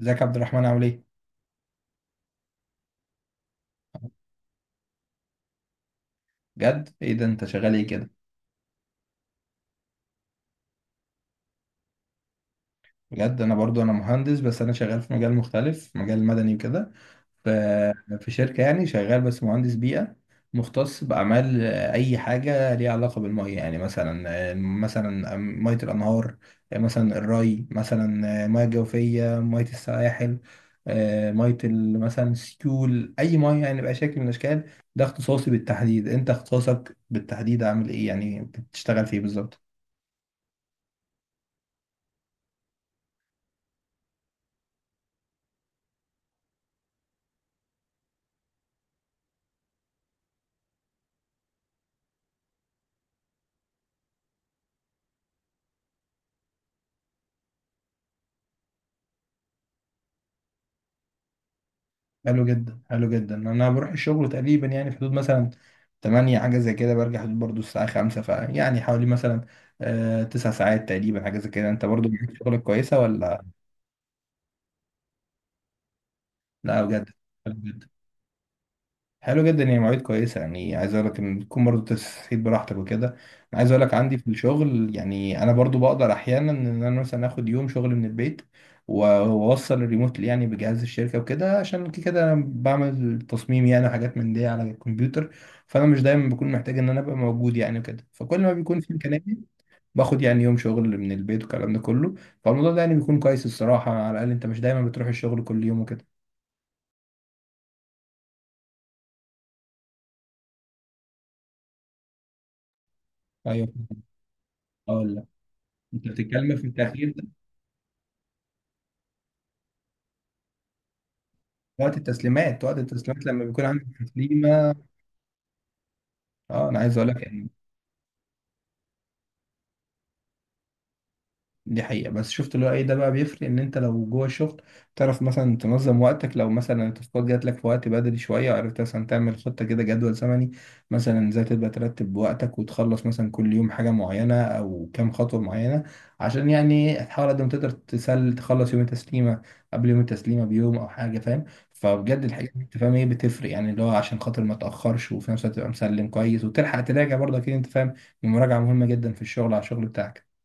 ازيك يا عبد الرحمن، عامل ايه؟ بجد ايه ده، انت شغال ايه كده؟ بجد انا برضو انا مهندس، بس انا شغال في مجال مختلف، مجال مدني وكده. ف- في شركة يعني شغال، بس مهندس بيئة مختص بأعمال أي حاجة ليها علاقة بالمية. يعني مثلا مثلا مية الأنهار، مثلا الري، مثلا مية جوفية، مية السواحل، مثلا السيول، أي مية يعني بأي شكل من الأشكال. ده اختصاصي بالتحديد. أنت اختصاصك بالتحديد عامل ايه؟ يعني بتشتغل في ايه بالظبط؟ حلو جدا، حلو جدا. انا بروح الشغل تقريبا يعني في حدود مثلا 8، حاجه زي كده، برجع حدود برضو الساعه 5، فيعني حوالي مثلا آه 9 ساعات تقريبا، حاجه زي كده. انت برضو معاك شغلك كويسه ولا؟ لا بجد؟ حلو جدا، حلو جدا، يعني مواعيد كويسه. يعني عايز اقول لك ان تكون برضو تسعيد براحتك وكده. انا عايز اقول لك عندي في الشغل، يعني انا برضو بقدر احيانا ان انا مثلا اخد يوم شغل من البيت، واوصل الريموت يعني بجهاز الشركه وكده، عشان كده كده انا بعمل تصميم يعني وحاجات من دي على الكمبيوتر. فانا مش دايما بكون محتاج ان انا ابقى موجود يعني وكده، فكل ما بيكون في امكانيه باخد يعني يوم شغل من البيت والكلام ده كله. فالموضوع ده يعني بيكون كويس الصراحه، على الاقل انت مش دايما بتروح الشغل كل يوم وكده. ايوه. اه لا، انت بتتكلم في التاخير. وقت التسليمات، وقت التسليمات لما بيكون عندك تسليمه. اه انا عايز اقول لك يعني دي حقيقة، بس شفت اللي هو ايه ده بقى، بيفرق ان انت لو جوه الشغل تعرف مثلا تنظم وقتك، لو مثلا التاسكات جات لك في وقت بدري شوية عرفت مثلا تعمل خطة كده، جدول زمني مثلا ازاي تبقى ترتب وقتك وتخلص مثلا كل يوم حاجة معينة او كام خطوة معينة، عشان يعني تحاول قد ما تقدر تسل تخلص يوم التسليمة، قبل يوم التسليمة بيوم او حاجة، فاهم؟ فبجد الحاجات دي انت فاهم ايه بتفرق، يعني اللي هو عشان خاطر ما تأخرش، وفي نفس الوقت تبقى مسلم كويس وتلحق تراجع برضه، اكيد انت فاهم. المراجعة مهمة جدا في الشغل، على الشغل بتاعك.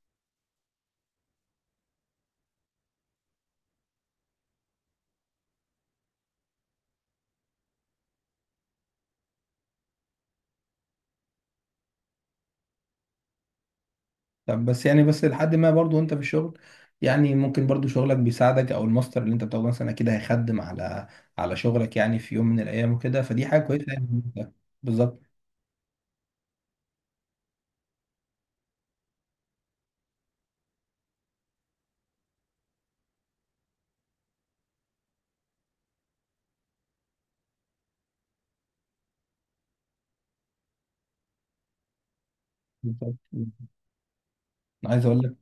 طب بس يعني بس لحد ما برضو انت في الشغل، يعني ممكن برضو شغلك بيساعدك، او الماستر اللي انت بتاخده مثلا اكيد هيخدم على على شغلك يعني في يوم من الايام وكده، فدي حاجه كويسه يعني. بالظبط. بالظبط انا عايز اقول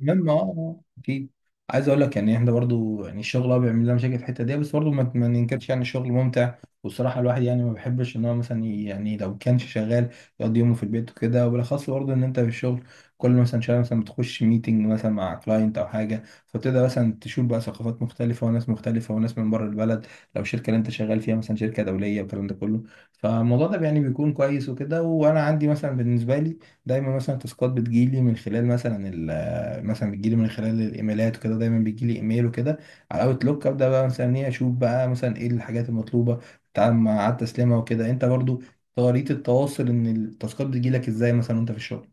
مهمة اه اكيد. عايز اقول لك يعني احنا برضو يعني الشغل اه بيعمل لنا مشاكل في الحتة دي، بس برضو ما ننكرش يعني الشغل ممتع. والصراحة الواحد يعني ما بيحبش ان هو مثلا يعني لو كانش شغال يقضي يومه في البيت وكده، وبالاخص برضو ان انت في الشغل كل مثلا شوية مثلا بتخش ميتنج مثلا مع كلاينت او حاجة، فبتبدأ مثلا تشوف بقى ثقافات مختلفة وناس مختلفة وناس من بره البلد، لو الشركة اللي انت شغال فيها مثلا شركة دولية والكلام ده كله. فالموضوع ده يعني بيكون كويس وكده. وانا عندي مثلا بالنسبة لي دايما مثلا تاسكات بتجيلي من خلال مثلا، مثلا بتجيلي من خلال الايميلات وكده، دايما بيجيلي ايميل وكده على اوت لوك، ابدا بقى مثلا ايه اشوف بقى مثلا ايه الحاجات المطلوبه، بتتعامل مع التسليمها وكده. انت برضو طريقه التواصل ان التاسكات بتجيلك ازاي مثلا وانت في الشغل؟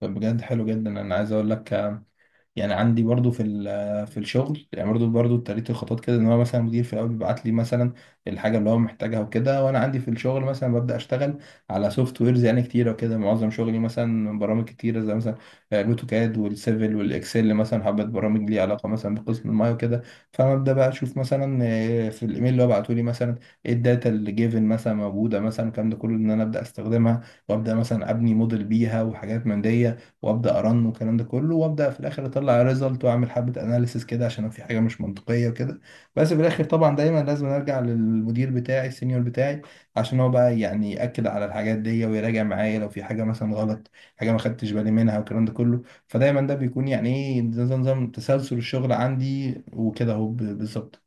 طب بجد حلو جدا. انا عايز اقول لك يعني عندي برضو في في الشغل يعني برضو برضو اتريت الخطوات كده، ان هو مثلا المدير في الاول بيبعت لي مثلا الحاجه اللي هو محتاجها وكده، وانا عندي في الشغل مثلا ببدا اشتغل على سوفت ويرز يعني كتيره وكده. معظم شغلي مثلا برامج كتيره زي مثلا الاوتوكاد والسيفل والاكسل، مثلا حبه برامج ليها علاقه مثلا بقسم المايه وكده. فانا ابدا بقى اشوف مثلا في الايميل اللي هو بعته لي مثلا ايه الداتا اللي جيفن مثلا موجوده، مثلا الكلام ده كله ان انا ابدا استخدمها وابدا مثلا ابني موديل بيها وحاجات من دي، وابدا ارن والكلام ده كله، وابدا في الاخر اطلع ريزلت واعمل حبه اناليسيس كده عشان لو في حاجه مش منطقيه وكده. بس في الاخر طبعا دايما لازم ارجع للمدير بتاعي، السينيور بتاعي، عشان هو بقى يعني ياكد على الحاجات دي ويراجع معايا لو في حاجه مثلا غلط، حاجه ما خدتش بالي منها والكلام ده كله. فدايما ده بيكون يعني ايه، نظام، نظام تسلسل الشغل عندي وكده، اهو بالظبط.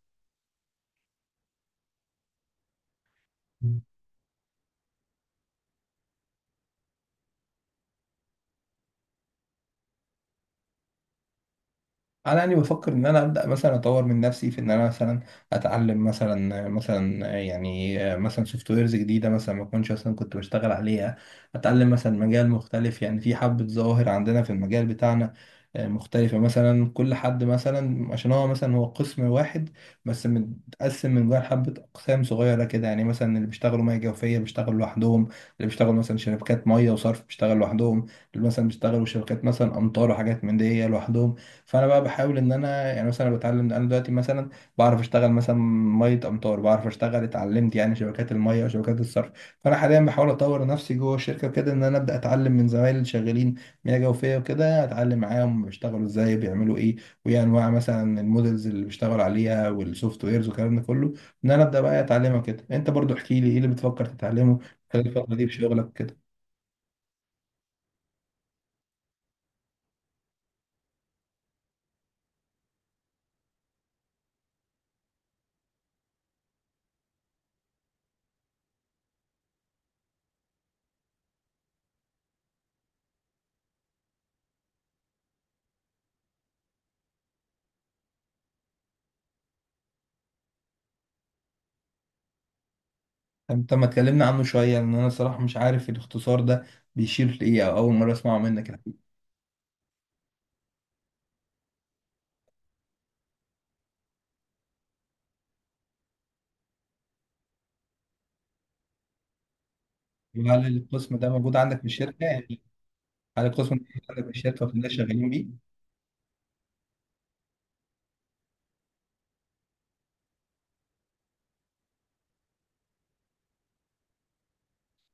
انا يعني بفكر ان انا ابدا مثلا اطور من نفسي في ان انا مثلا اتعلم مثلا، مثلا يعني مثلا سوفت ويرز جديده مثلا ما كنتش اصلا كنت بشتغل عليها، اتعلم مثلا مجال مختلف. يعني في حبه ظواهر عندنا في المجال بتاعنا مختلفه، مثلا كل حد مثلا عشان هو مثلا هو قسم واحد بس متقسم من جوه حبه اقسام صغيره كده، يعني مثلا اللي بيشتغلوا ميه جوفيه بيشتغلوا لوحدهم، اللي بيشتغلوا مثلا شركات ميه وصرف بيشتغلوا لوحدهم، اللي مثلا بيشتغلوا شركات مثلا امطار وحاجات من دي لوحدهم. فانا بقى بحاول ان انا يعني مثلا أنا بتعلم، انا دلوقتي مثلا بعرف اشتغل مثلا ميه امطار، بعرف اشتغل اتعلمت يعني شبكات الميه وشبكات الصرف. فانا حاليا بحاول اطور نفسي جوه الشركه كده، ان انا ابدا اتعلم من زمايلي اللي شغالين مياه جوفيه وكده، اتعلم معاهم بيشتغلوا ازاي، بيعملوا ايه، وايه انواع مثلا المودلز اللي بيشتغلوا عليها، والسوفت ويرز والكلام ده كله، ان انا ابدا بقى اتعلمها كده. انت برضو احكي لي ايه اللي بتفكر تتعلمه خلال الفتره دي في شغلك كده. انت ما تكلمنا عنه شوية، لان انا صراحة مش عارف الاختصار ده بيشير لإيه، او اول مرة اسمعه منك الحقيقة. هل القسم ده موجود عندك في الشركة يعني، هل القسم ده موجود عندك في الشركة وفي الناس شغالين بيه؟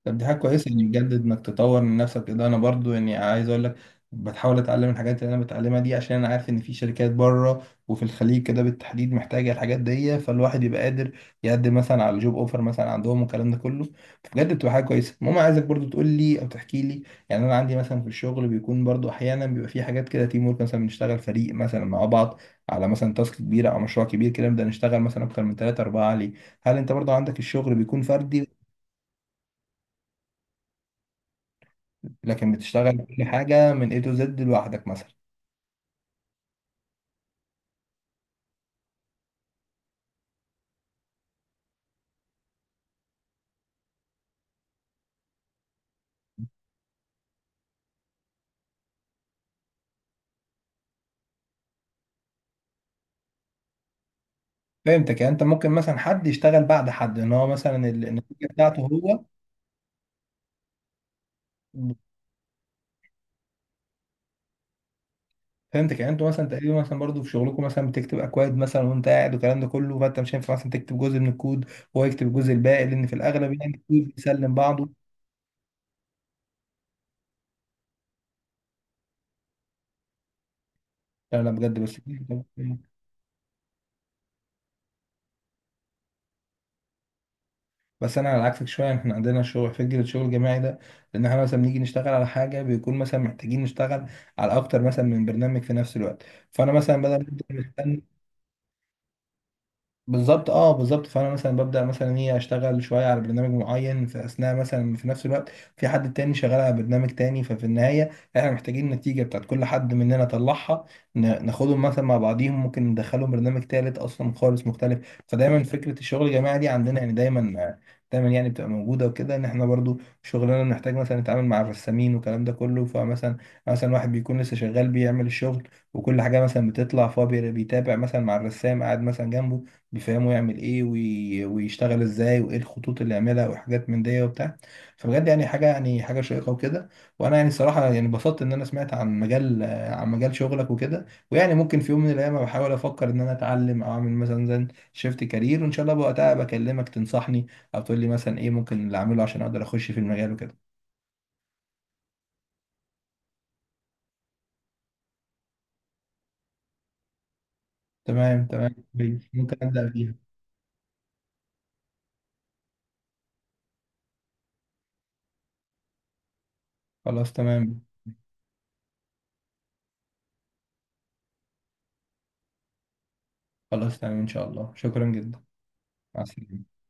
طب دي حاجة كويسة يعني، بجد انك تطور من نفسك كده. انا برضو يعني عايز اقول لك بتحاول اتعلم الحاجات اللي انا بتعلمها دي، عشان انا عارف ان في شركات بره وفي الخليج كده بالتحديد محتاجة الحاجات دي، فالواحد يبقى قادر يقدم مثلا على جوب اوفر مثلا عندهم والكلام ده كله. فبجد بتبقى حاجة كويسة. المهم عايزك برضو تقول لي او تحكي لي، يعني انا عندي مثلا في الشغل بيكون برضو احيانا بيبقى في حاجات كده تيم ورك، مثلا بنشتغل فريق مثلا مع بعض على مثلا تاسك كبيرة او مشروع كبير كده، نبدأ نشتغل مثلا اكتر من ثلاثة اربعة عليه. هل انت برضو عندك الشغل بيكون فردي، لكن بتشتغل كل حاجة من A to Z لوحدك مثلا؟ فهمتك، يعني انت ممكن مثلا حد يشتغل بعد حد ان هو مثلا النتيجة بتاعته هو. فهمتك، يعني انتوا مثلا تقريبا مثلا برضه في شغلكم مثلا بتكتب اكواد مثلا وانت قاعد والكلام ده كله، فانت مش هينفع مثلا تكتب جزء من الكود وهو يكتب الجزء الباقي، لان في الاغلب يعني الكود بيسلم بعضه. لا لا بجد بس بس انا على عكسك شويه، يعني احنا عندنا شغل فكره الشغل الجماعي ده، لان احنا مثلا بنيجي نشتغل على حاجه بيكون مثلا محتاجين نشتغل على اكتر مثلا من برنامج في نفس الوقت، فانا مثلا بدل ما أفضل. بالظبط اه، بالظبط. فانا مثلا ببدا مثلا ايه اشتغل شويه على برنامج معين، في اثناء مثلا في نفس الوقت في حد تاني شغال على برنامج تاني، ففي النهايه احنا محتاجين النتيجه بتاعت كل حد مننا طلعها، ناخدهم مثلا مع بعضيهم، ممكن ندخلهم برنامج تالت اصلا خالص مختلف. فدايما فكره الشغل الجماعي دي عندنا يعني دايما، دايما يعني بتبقى موجوده وكده. ان احنا برضو شغلنا بنحتاج مثلا نتعامل مع الرسامين والكلام ده كله، فمثلا مثلا واحد بيكون لسه شغال بيعمل الشغل وكل حاجه مثلا بتطلع، فهو بيتابع مثلا مع الرسام قاعد مثلا جنبه، بيفهموا يعمل ايه ويشتغل ازاي وايه الخطوط اللي يعملها وحاجات من دي وبتاع. فبجد يعني حاجه، يعني حاجه شيقه وكده. وانا يعني صراحه يعني انبسطت ان انا سمعت عن مجال عن مجال شغلك وكده، ويعني ممكن في يوم من الايام بحاول افكر ان انا اتعلم او اعمل مثلا زي شيفت كارير، وان شاء الله وقتها بكلمك تنصحني او تقول لي مثلا ايه ممكن اللي اعمله عشان اقدر اخش في المجال وكده. تمام تمام، كويس. ممكن ابدا فيها. خلاص تمام. خلاص تمام، ان شاء الله، شكرا جدا، مع السلامه.